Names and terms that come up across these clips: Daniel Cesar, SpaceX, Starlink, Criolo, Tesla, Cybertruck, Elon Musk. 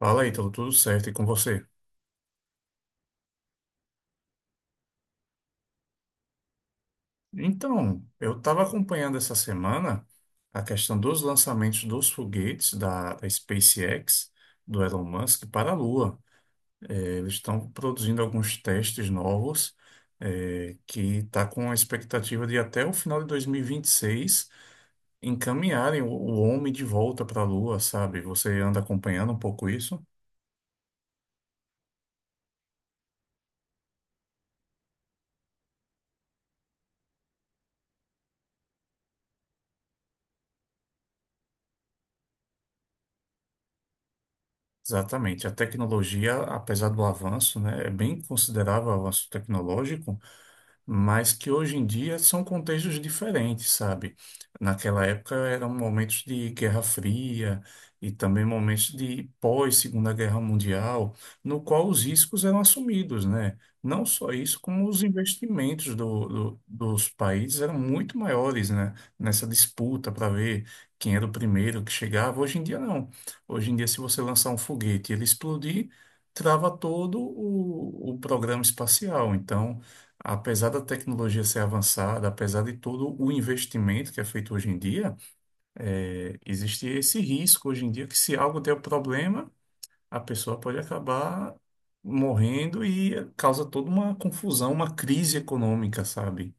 Fala aí, tudo certo e com você? Então, eu estava acompanhando essa semana a questão dos lançamentos dos foguetes da SpaceX, do Elon Musk, para a Lua. Eles estão produzindo alguns testes novos, que está com a expectativa de até o final de dois mil e vinte e seis encaminharem o homem de volta para a Lua, sabe? Você anda acompanhando um pouco isso? Exatamente. A tecnologia, apesar do avanço, né, é bem considerável o avanço tecnológico, mas que hoje em dia são contextos diferentes, sabe? Naquela época eram momentos de Guerra Fria e também momentos de pós-Segunda Guerra Mundial, no qual os riscos eram assumidos, né? Não só isso, como os investimentos dos países eram muito maiores, né? Nessa disputa para ver quem era o primeiro que chegava. Hoje em dia, não. Hoje em dia, se você lançar um foguete e ele explodir, trava todo o programa espacial. Então, apesar da tecnologia ser avançada, apesar de todo o investimento que é feito hoje em dia, existe esse risco hoje em dia que se algo der problema, a pessoa pode acabar morrendo e causa toda uma confusão, uma crise econômica, sabe?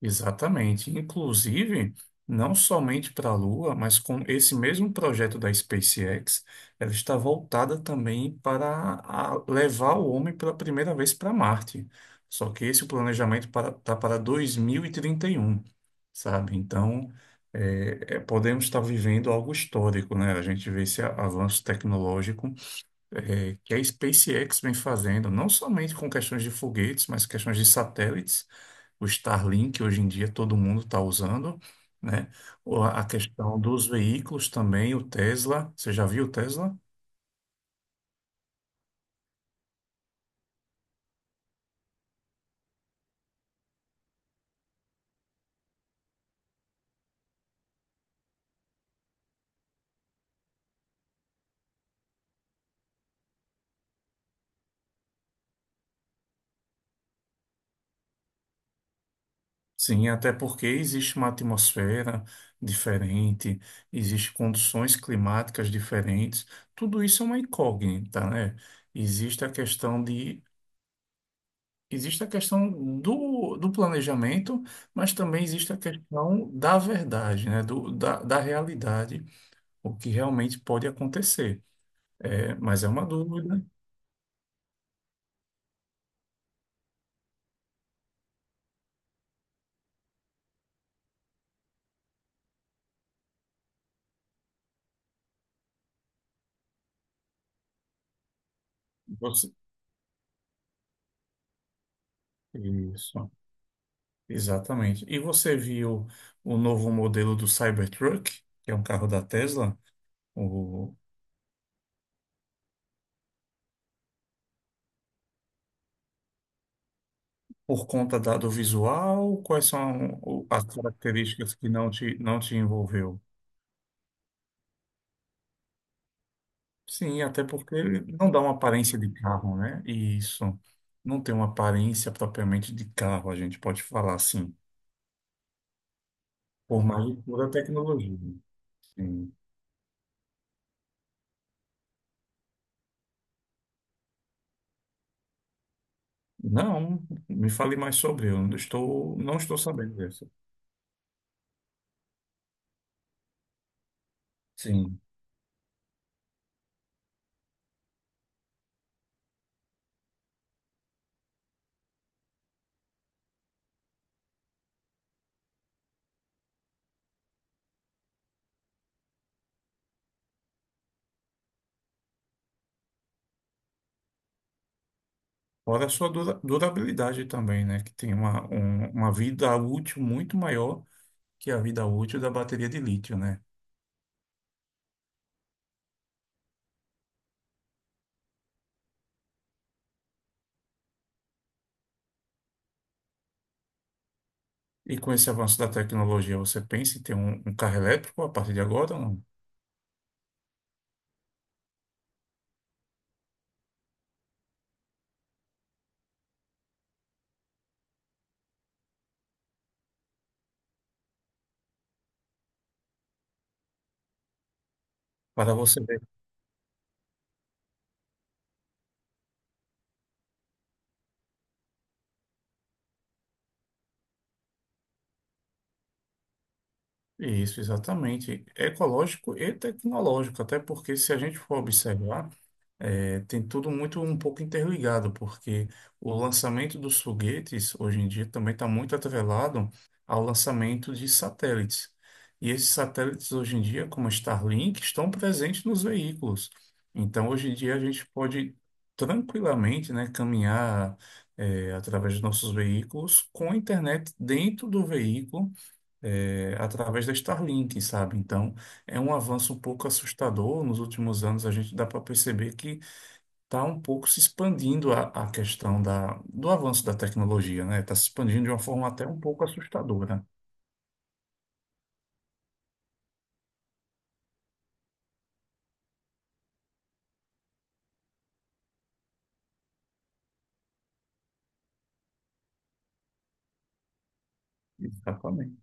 Exatamente. Inclusive, não somente para a Lua, mas com esse mesmo projeto da SpaceX, ela está voltada também para levar o homem pela primeira vez para Marte. Só que esse planejamento tá para 2031, sabe? Então, podemos estar vivendo algo histórico, né? A gente vê esse avanço tecnológico que a SpaceX vem fazendo, não somente com questões de foguetes, mas questões de satélites, o Starlink, hoje em dia todo mundo está usando, né? A questão dos veículos também, o Tesla, você já viu o Tesla? Sim, até porque existe uma atmosfera diferente, existem condições climáticas diferentes, tudo isso é uma incógnita, né? Existe a questão de Existe a questão do planejamento, mas também existe a questão da verdade, né? Da realidade, o que realmente pode acontecer. É, mas é uma dúvida. Você... Isso, exatamente. E você viu o novo modelo do Cybertruck, que é um carro da Tesla, o, por conta do visual, quais são as características que não te envolveu? Sim, até porque não dá uma aparência de carro, né? E isso não tem uma aparência propriamente de carro, a gente pode falar assim, por mais de toda tecnologia. Sim. Não, me fale mais sobre, eu não estou sabendo dessa. Sim. Fora a sua durabilidade também, né? Que tem uma vida útil muito maior que a vida útil da bateria de lítio, né? E com esse avanço da tecnologia, você pensa em ter um carro elétrico a partir de agora ou não? Para você ver. Isso, exatamente. Ecológico e tecnológico, até porque se a gente for observar, tem tudo muito um pouco interligado, porque o lançamento dos foguetes hoje em dia também está muito atrelado ao lançamento de satélites. E esses satélites hoje em dia, como a Starlink, estão presentes nos veículos. Então, hoje em dia a gente pode tranquilamente, né, caminhar, através dos nossos veículos com a internet dentro do veículo, é, através da Starlink, sabe? Então, é um avanço um pouco assustador. Nos últimos anos, a gente dá para perceber que está um pouco se expandindo a questão do avanço da tecnologia, né? Está se expandindo de uma forma até um pouco assustadora. Exatamente.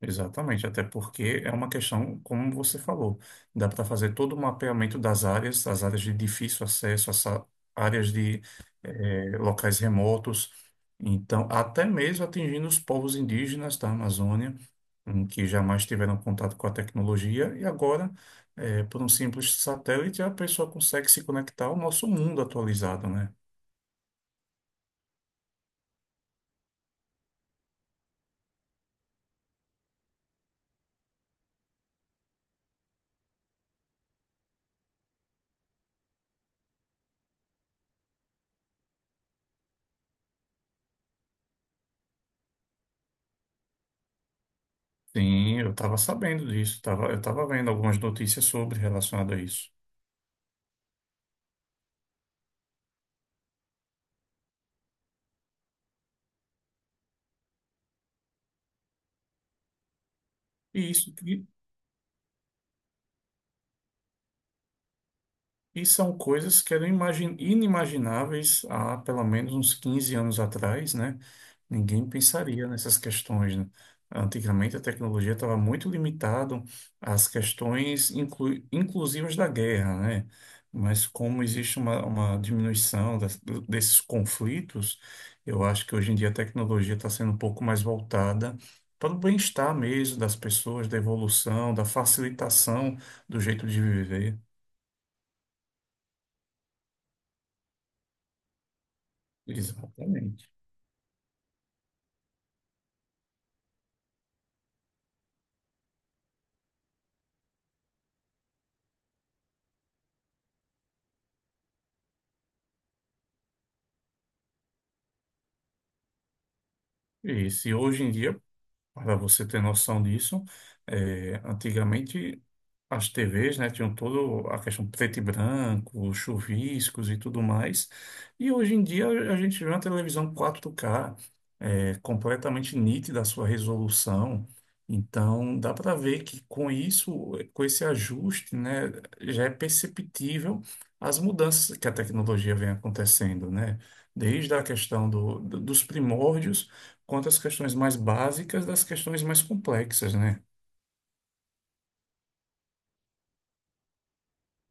Exatamente, até porque é uma questão, como você falou, dá para fazer todo o mapeamento das áreas, as áreas de difícil acesso, áreas de locais remotos, então até mesmo atingindo os povos indígenas da Amazônia, em que jamais tiveram contato com a tecnologia, e agora, por um simples satélite, a pessoa consegue se conectar ao nosso mundo atualizado, né? Sim, eu estava sabendo disso, eu estava vendo algumas notícias sobre relacionado a isso. E isso, E são coisas que eram inimagináveis há pelo menos uns 15 anos atrás, né? Ninguém pensaria nessas questões, né? Antigamente a tecnologia estava muito limitada às questões inclusivas da guerra, né? Mas como existe uma diminuição desses conflitos, eu acho que hoje em dia a tecnologia está sendo um pouco mais voltada para o bem-estar mesmo das pessoas, da evolução, da facilitação do jeito de viver. Exatamente. E se hoje em dia, para você ter noção disso, antigamente as TVs, né, tinham toda a questão preto e branco, chuviscos e tudo mais. E hoje em dia a gente vê uma televisão 4K completamente nítida a sua resolução. Então, dá para ver que com isso, com esse ajuste, né, já é perceptível as mudanças que a tecnologia vem acontecendo, né? Desde a questão dos primórdios, quanto às questões mais básicas das questões mais complexas, né?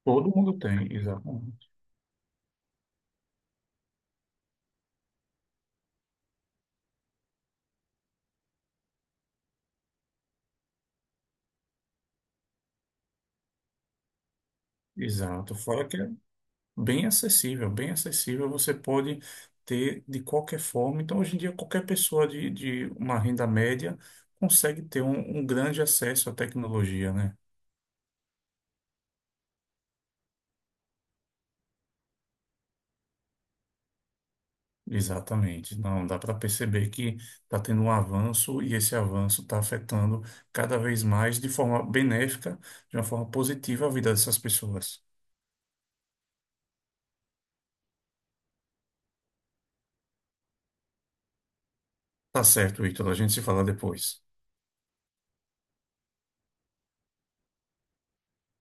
Todo mundo tem, exato. Exato. Fora que bem acessível, bem acessível. Você pode ter de qualquer forma. Então, hoje em dia, qualquer pessoa de uma renda média consegue ter um grande acesso à tecnologia, né? Exatamente. Não, dá para perceber que está tendo um avanço e esse avanço está afetando cada vez mais de forma benéfica, de uma forma positiva a vida dessas pessoas. Tá certo, Ítalo. A gente se fala depois.